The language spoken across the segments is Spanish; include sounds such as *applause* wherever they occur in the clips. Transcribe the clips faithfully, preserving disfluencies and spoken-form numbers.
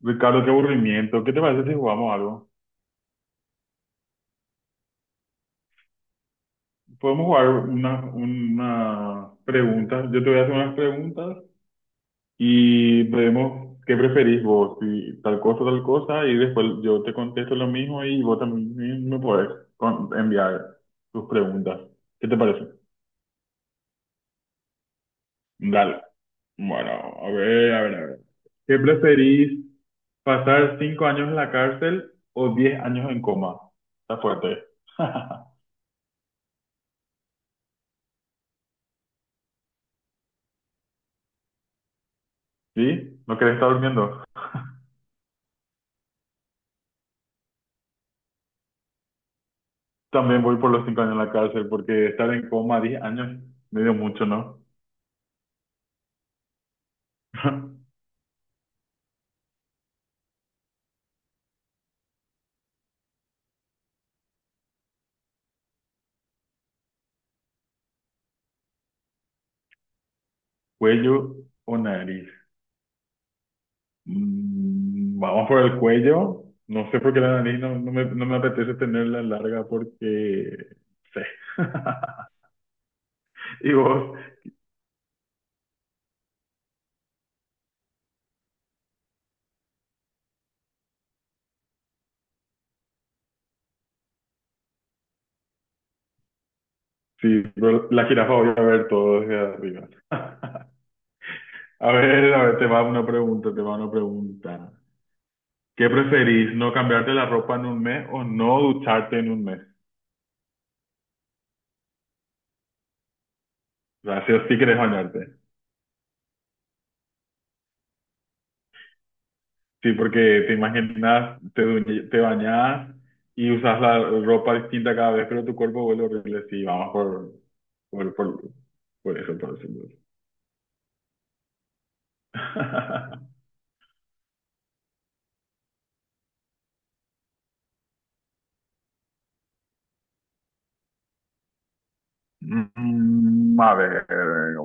Ricardo, qué aburrimiento. ¿Qué te parece si jugamos algo? Podemos jugar una, una pregunta. Yo te voy a hacer unas preguntas y vemos qué preferís vos, si tal cosa, tal cosa, y después yo te contesto lo mismo y vos también me podés con- enviar tus preguntas. ¿Qué te parece? Dale. Bueno, a ver, a ver, a ver. ¿Qué preferís? ¿Pasar cinco años en la cárcel o diez años en coma? Está fuerte. *laughs* ¿Sí? ¿No querés estar durmiendo? También voy por los cinco años en la cárcel porque estar en coma diez años, medio mucho, ¿no? *laughs* ¿Cuello o nariz? Mm, vamos por el cuello. No sé por qué la nariz no, no me, no me apetece tenerla larga porque... sé. *laughs* Y vos, sí, pero la jirafa voy a ver todo desde arriba. *laughs* A ver, a ver, te va una pregunta, te va una pregunta. ¿Qué preferís, no cambiarte la ropa en un mes o no ducharte en un mes? Gracias, sí o sí querés bañarte. Sí, porque te imaginas, te, duñ- te bañas y usas la ropa distinta cada vez, pero tu cuerpo vuelve horrible. Sí, vamos por, por, por, por eso, por eso. Por eso. *laughs* Mm, a ver,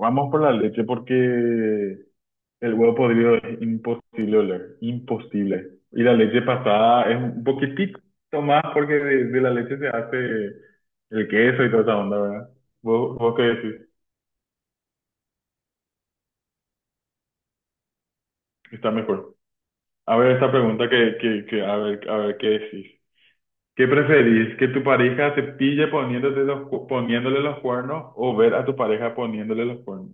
vamos por la leche porque el huevo podrido es imposible oler, imposible. Y la leche pasada es un poquitito más porque de, de la leche se hace el queso y toda esa onda, ¿verdad? ¿Vos, vos qué decís? Está mejor. A ver esta pregunta que, que, que a ver, a ver qué decís. ¿Qué preferís? ¿Que tu pareja te pille poniéndote los, cu- poniéndole los cuernos o ver a tu pareja poniéndole los cuernos?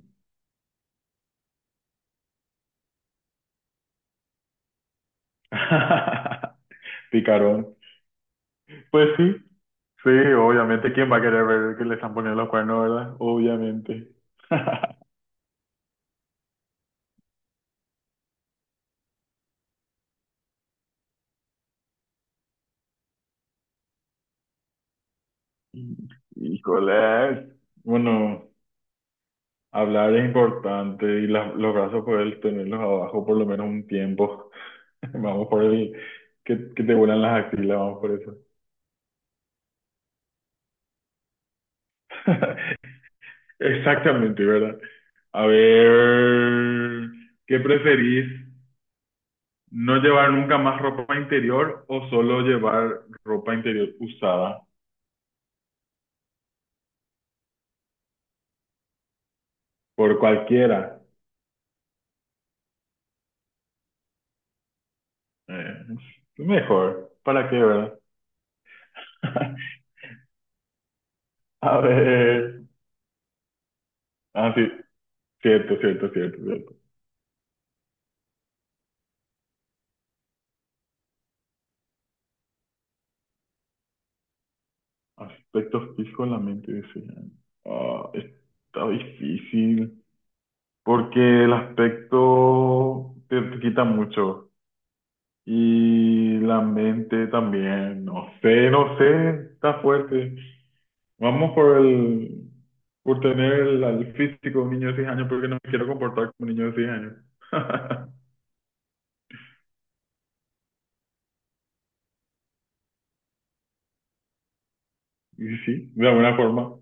*laughs* Picarón. Pues sí, sí, obviamente. ¿Quién va a querer ver que le están poniendo los cuernos, verdad? Obviamente. *laughs* Híjole. Bueno, hablar es importante y las- los brazos poder tenerlos abajo por lo menos un tiempo. *laughs* Vamos por el que, que te vuelan las axilas, vamos por eso. *laughs* Exactamente, ¿verdad? A ver, ¿qué preferís? ¿No llevar nunca más ropa interior o solo llevar ropa interior usada por cualquiera? Eh, Mejor, ¿para qué, verdad? *laughs* A ver, ah, sí, cierto, cierto, cierto, cierto. Aspectos fijos en la mente desean. Ah, está difícil, porque el aspecto te te quita mucho. Y la mente también, no sé, no sé, está fuerte. Vamos por el, por tener el, al físico de un niño de seis años porque no me quiero comportar como un niño de seis años. *laughs* Y sí, de alguna forma.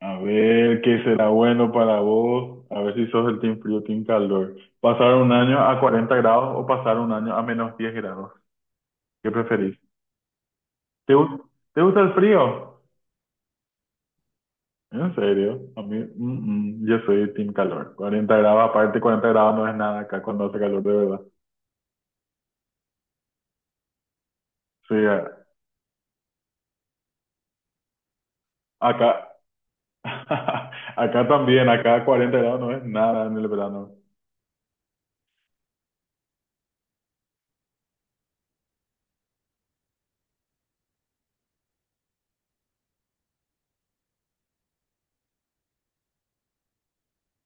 A ver qué será bueno para vos, a ver si sos del team frío, team calor. ¿Pasar un año a cuarenta grados o pasar un año a menos diez grados? ¿Qué preferís? ¿Te, gu- Te gusta el frío? En serio, a mí, mm, mm, yo soy team calor. Cuarenta grados, aparte cuarenta grados no es nada acá cuando hace calor de verdad. Sí, a- acá, *laughs* acá también, acá cuarenta grados no es nada en el verano.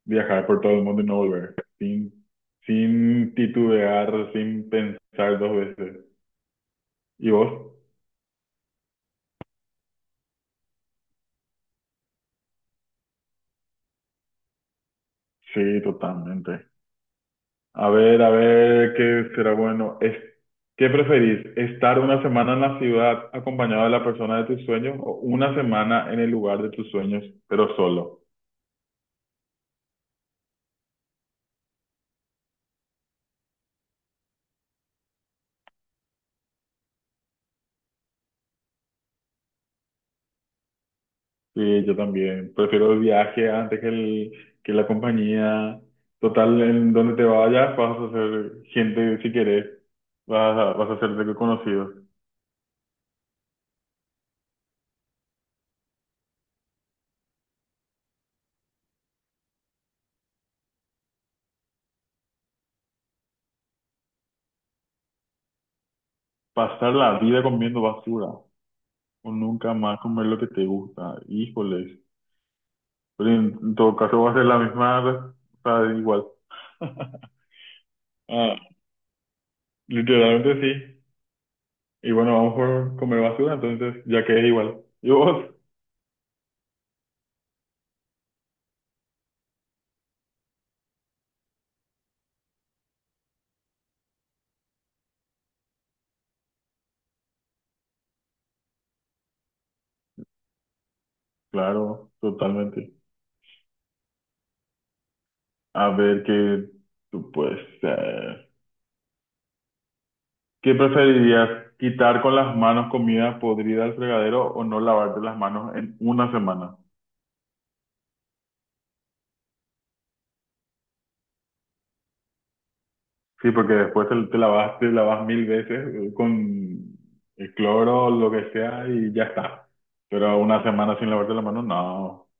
Viajar por todo el mundo y no volver, sin, sin titubear, sin pensar dos veces. ¿Y vos? Sí, totalmente. A ver, a ver, ¿qué será bueno? Es, ¿qué preferís? ¿Estar una semana en la ciudad acompañado de la persona de tus sueños o una semana en el lugar de tus sueños, pero solo? Sí, yo también. Prefiero el viaje antes que, el, que la compañía. Total, en donde te vayas vas a ser gente si querés. Vas a, vas a hacerte conocido. Pasar la vida comiendo basura o nunca más comer lo que te gusta. Híjole, pero en, en todo caso va a ser la misma, re- o sea, igual. *laughs* Ah, literalmente sí. Y bueno, vamos por comer basura, entonces, ya que es igual. ¿Y vos? Claro, totalmente. A ver, que tú pues, eh, ¿qué preferirías? ¿Quitar con las manos comida podrida al fregadero o no lavarte las manos en una semana? Sí, porque después te, te lavas, te lavas mil veces eh, con el cloro o lo que sea y ya está. Pero una semana sin lavarte las manos, no.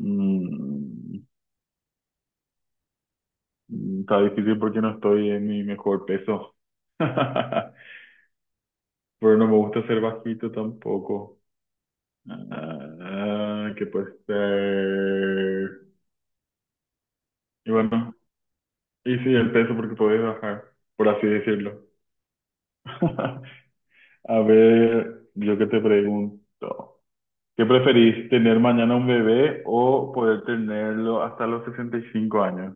Mm, mm, Está difícil porque no estoy en mi mejor peso. *laughs* Pero no me gusta ser bajito tampoco. Ah, ¿qué puede ser? Y bueno, y sí, el peso porque puedes bajar, por así decirlo. *laughs* A ver, yo que te pregunto, ¿qué preferís, tener mañana un bebé o poder tenerlo hasta los sesenta y cinco años?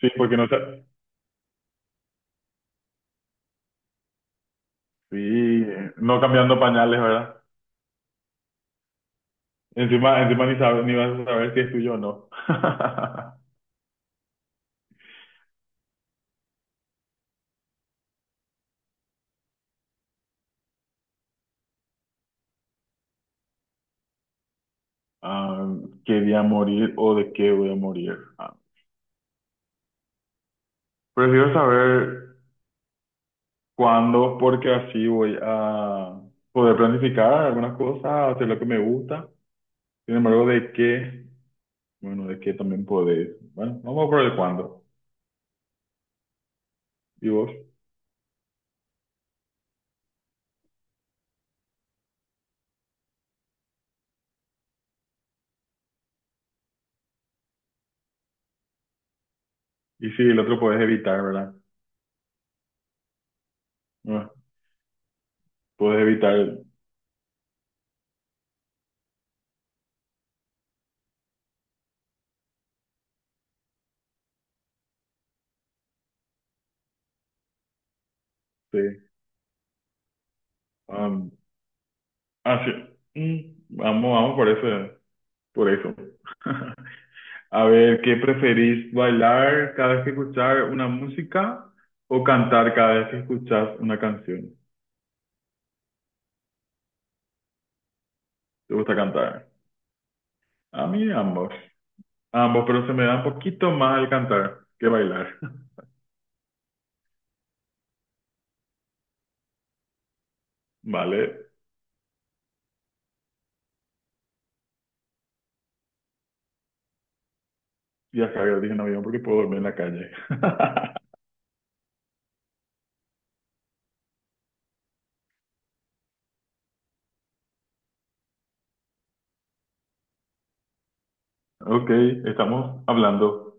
Sí, porque no, sa- sí, no cambiando pañales, verdad. Encima, encima ni, sabe- ni vas a saber si es tuyo o no. *laughs* Ah, quería morir o de qué voy a morir. Ah, prefiero saber cuándo, porque así voy a poder planificar algunas cosas, hacer lo que me gusta. Sin embargo, de qué, bueno, de qué también podés. Bueno, vamos por el cuándo. ¿Y vos? Y si el otro podés evitar, ¿verdad? Ah, podés evitar, sí. Ah, así. Mm, Vamos, vamos por eso, por eso. *laughs* A ver, ¿qué preferís? ¿Bailar cada vez que escuchar una música o cantar cada vez que escuchas una canción? ¿Te gusta cantar? A mí ambos. Ambos, pero se me da un poquito más el cantar que bailar. *laughs* Vale, ya sabía, dije no avión porque puedo dormir en la calle. *laughs* Ok, estamos hablando.